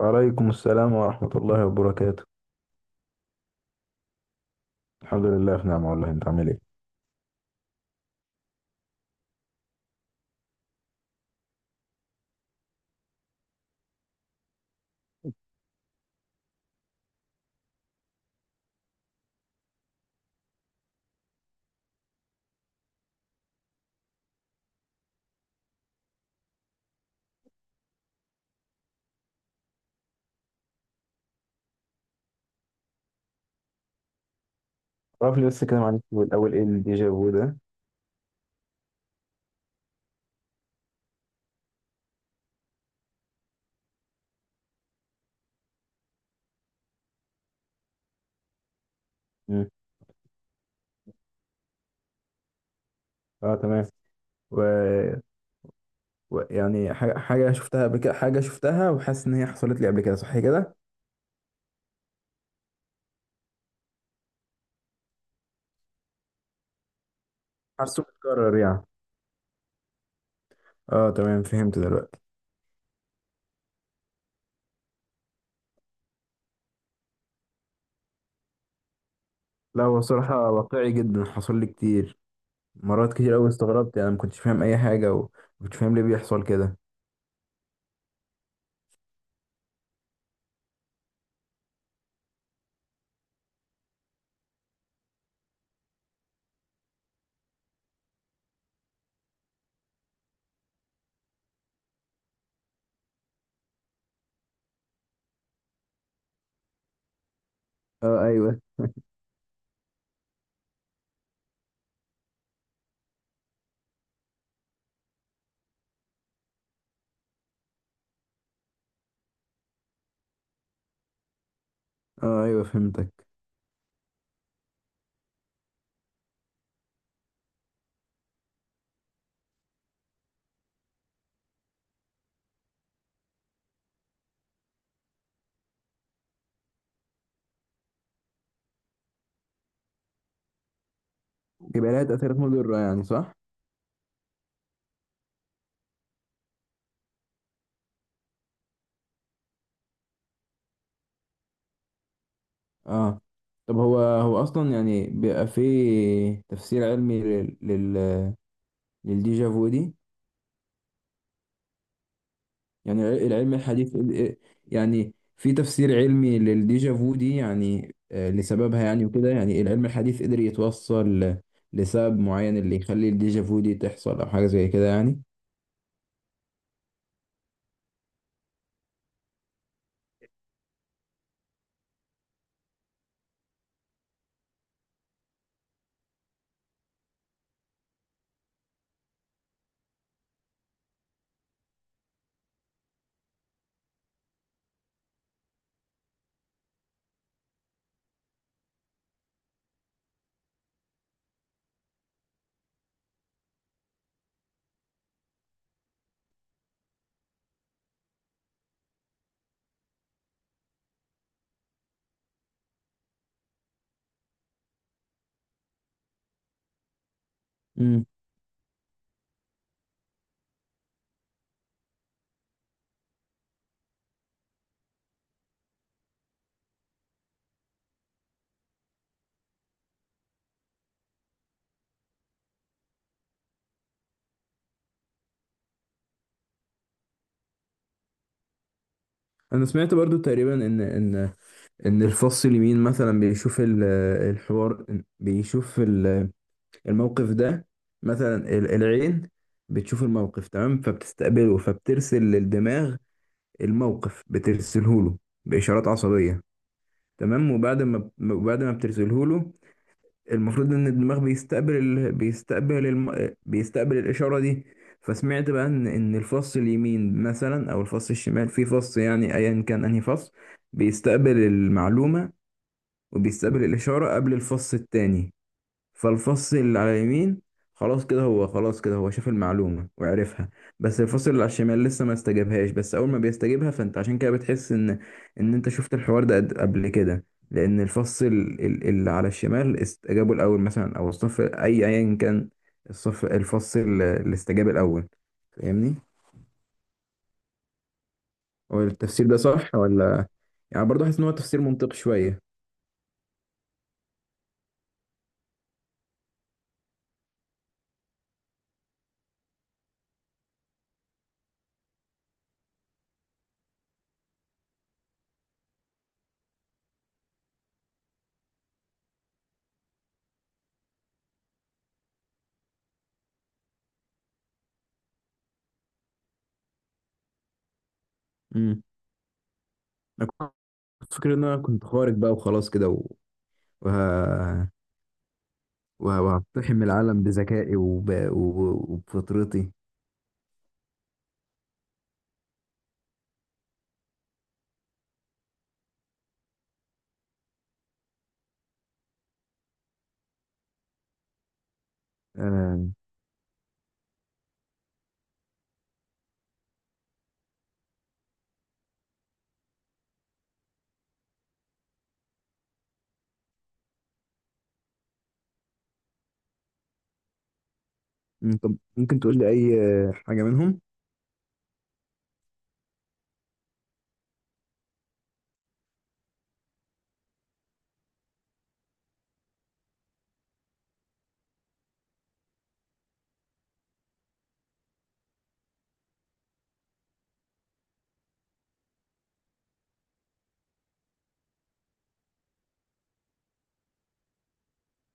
وعليكم السلام ورحمة الله وبركاته. الحمد لله في نعمة والله، انت عامل ايه؟ تعرف لي لسه كلام عن الفيلم الأول إيه الديجا فو ده؟ مم. اه تمام. و... يعني حاجة شفتها قبل كده، حاجة شفتها وحاسس ان هي حصلت لي قبل كده، صح كده؟ حاسه متكرر يعني. اه تمام، فهمت دلوقتي. لا هو صراحة واقعي جدا، حصل لي كتير مرات كتير قوي، استغربت يعني، ما كنتش فاهم اي حاجة وما كنتش فاهم ليه بيحصل كده. اه ايوه. اه ايوه فهمتك. يبقى لها تأثيرات مضرة يعني، صح؟ اه. طب هو اصلا يعني بيبقى فيه تفسير علمي لل لل للديجا فو دي، يعني العلم الحديث يعني في تفسير علمي للديجا فو دي يعني، لسببها يعني وكده، يعني العلم الحديث قدر يتوصل لسبب معين اللي يخلي الديجا فو دي تحصل او حاجة زي كده يعني. امم. انا سمعت برضو تقريبا ان الفص اليمين مثلا بيشوف الحوار، بيشوف الموقف ده، مثلا العين بتشوف الموقف تمام، فبتستقبله فبترسل للدماغ الموقف، بترسله له بإشارات عصبية تمام. وبعد ما بترسله له المفروض ان الدماغ بيستقبل بيستقبل الإشارة دي. فسمعت بقى ان الفص اليمين مثلا او الفص الشمال، في فص يعني ايا كان انهي فص بيستقبل المعلومة وبيستقبل الإشارة قبل الفص التاني. فالفص اللي على اليمين خلاص كده هو شاف المعلومة وعرفها، بس الفصل اللي على الشمال لسه ما استجابهاش، بس أول ما بيستجيبها فأنت عشان كده بتحس إن أنت شفت الحوار ده قبل كده، لأن الفص اللي على الشمال استجابوا الأول مثلا، أو الصف أي أيا كان الصف، الفص اللي استجاب الأول. فاهمني؟ هو التفسير ده صح ولا؟ يعني برضه حاسس إن هو تفسير منطقي شوية. امم. أنا كنت فاكر إن أنا كنت خارج بقى وخلاص كده وه... وهقتحم العالم بذكائي وبفطرتي. آه. طب ممكن تقول لي أي حاجة منهم؟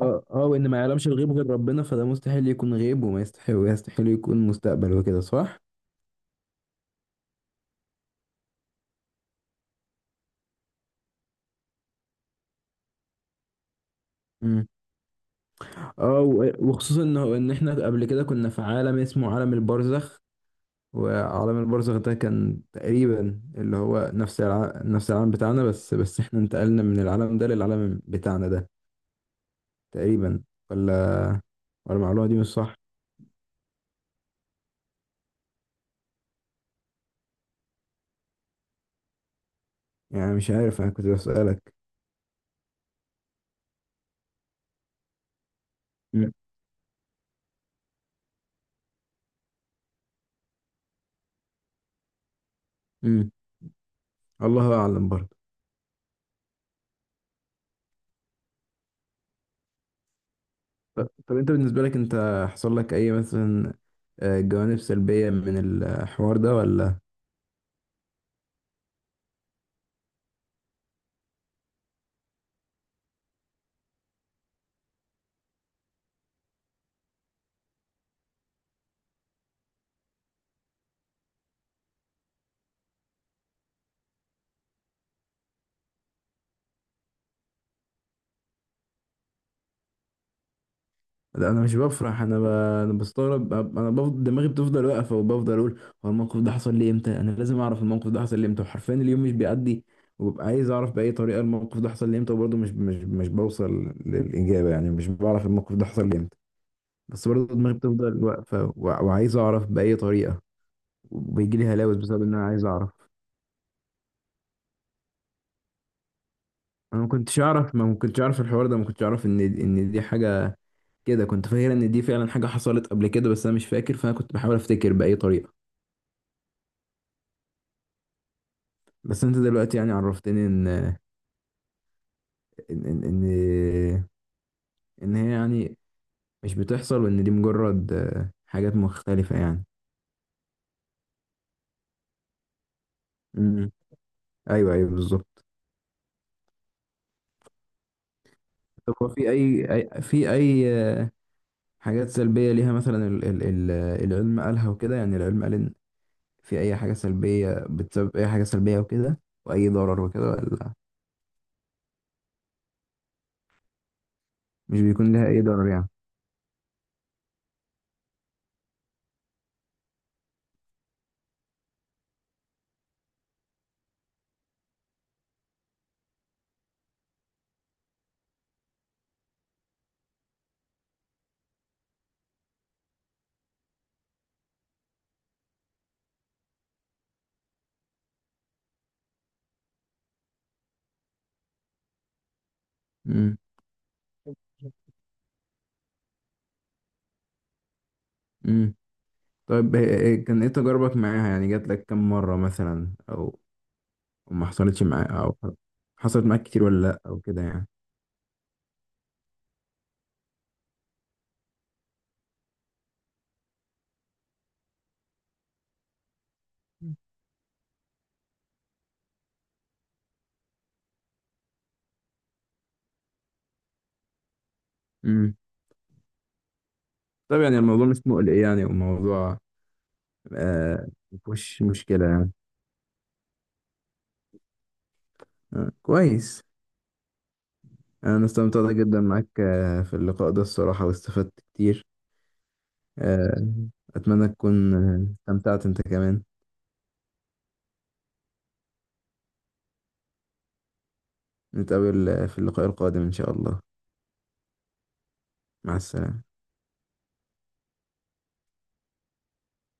اه اه. وان ما يعلمش الغيب غير ربنا، فده مستحيل يكون غيب وما يستحيل ويستحيل يكون مستقبل وكده، صح؟ مم. اه، وخصوصا ان ان احنا قبل كده كنا في عالم اسمه عالم البرزخ، وعالم البرزخ ده كان تقريبا اللي هو نفس نفس العالم بتاعنا، بس احنا انتقلنا من العالم ده للعالم بتاعنا ده تقريبا. ولا؟ ولا المعلومة دي مش صح؟ يعني مش عارف، انا كنت بسألك. مم. امم. الله اعلم برضه. طب انت بالنسبة لك انت حصل لك اي مثلا جوانب سلبية من الحوار ده ولا؟ لا انا مش بفرح، انا بستغرب، انا بفضل دماغي بتفضل واقفة وبفضل اقول هو الموقف ده حصل لي امتى، انا لازم اعرف الموقف ده حصل لي امتى، وحرفيا اليوم مش بيعدي وببقى عايز اعرف بأي طريقة الموقف ده حصل لي امتى، وبرضه مش بوصل للإجابة، يعني مش بعرف الموقف ده حصل لي امتى. بس برضه دماغي بتفضل واقفة وعايز اعرف بأي طريقة. وبيجي لي هلاوس بسبب ان انا عايز اعرف. انا ما كنتش اعرف، ما كنتش اعرف الحوار ده، ما كنتش اعرف ان دي حاجه كده، كنت فاكر ان دي فعلا حاجه حصلت قبل كده بس انا مش فاكر، فانا كنت بحاول افتكر باي طريقه. بس انت دلوقتي يعني عرفتني ان ان, إن هي يعني مش بتحصل، وان دي مجرد حاجات مختلفه يعني. امم. ايوه ايوه بالظبط. طب هو في في اي حاجات سلبيه ليها، مثلا ال ال ال العلم قالها وكده، يعني العلم قال ان في أي حاجة سلبية بتسبب أي حاجة سلبية وكده وأي ضرر وكده ولا مش بيكون لها أي ضرر يعني؟ امم. امم. طيب كان إيه تجاربك معاها، يعني جات لك كم مرة مثلا، أو أو ما حصلتش معاك، أو حصلت معاك كتير ولا لأ أو كده يعني؟ امم. طب يعني الموضوع مش مقلق يعني، وموضوع آه مفيهوش مشكلة يعني؟ آه كويس. أنا استمتعت جدا معاك آه في اللقاء ده الصراحة، واستفدت كتير. آه. أتمنى تكون استمتعت أنت كمان. نتقابل في اللقاء القادم إن شاء الله. مع السلامة.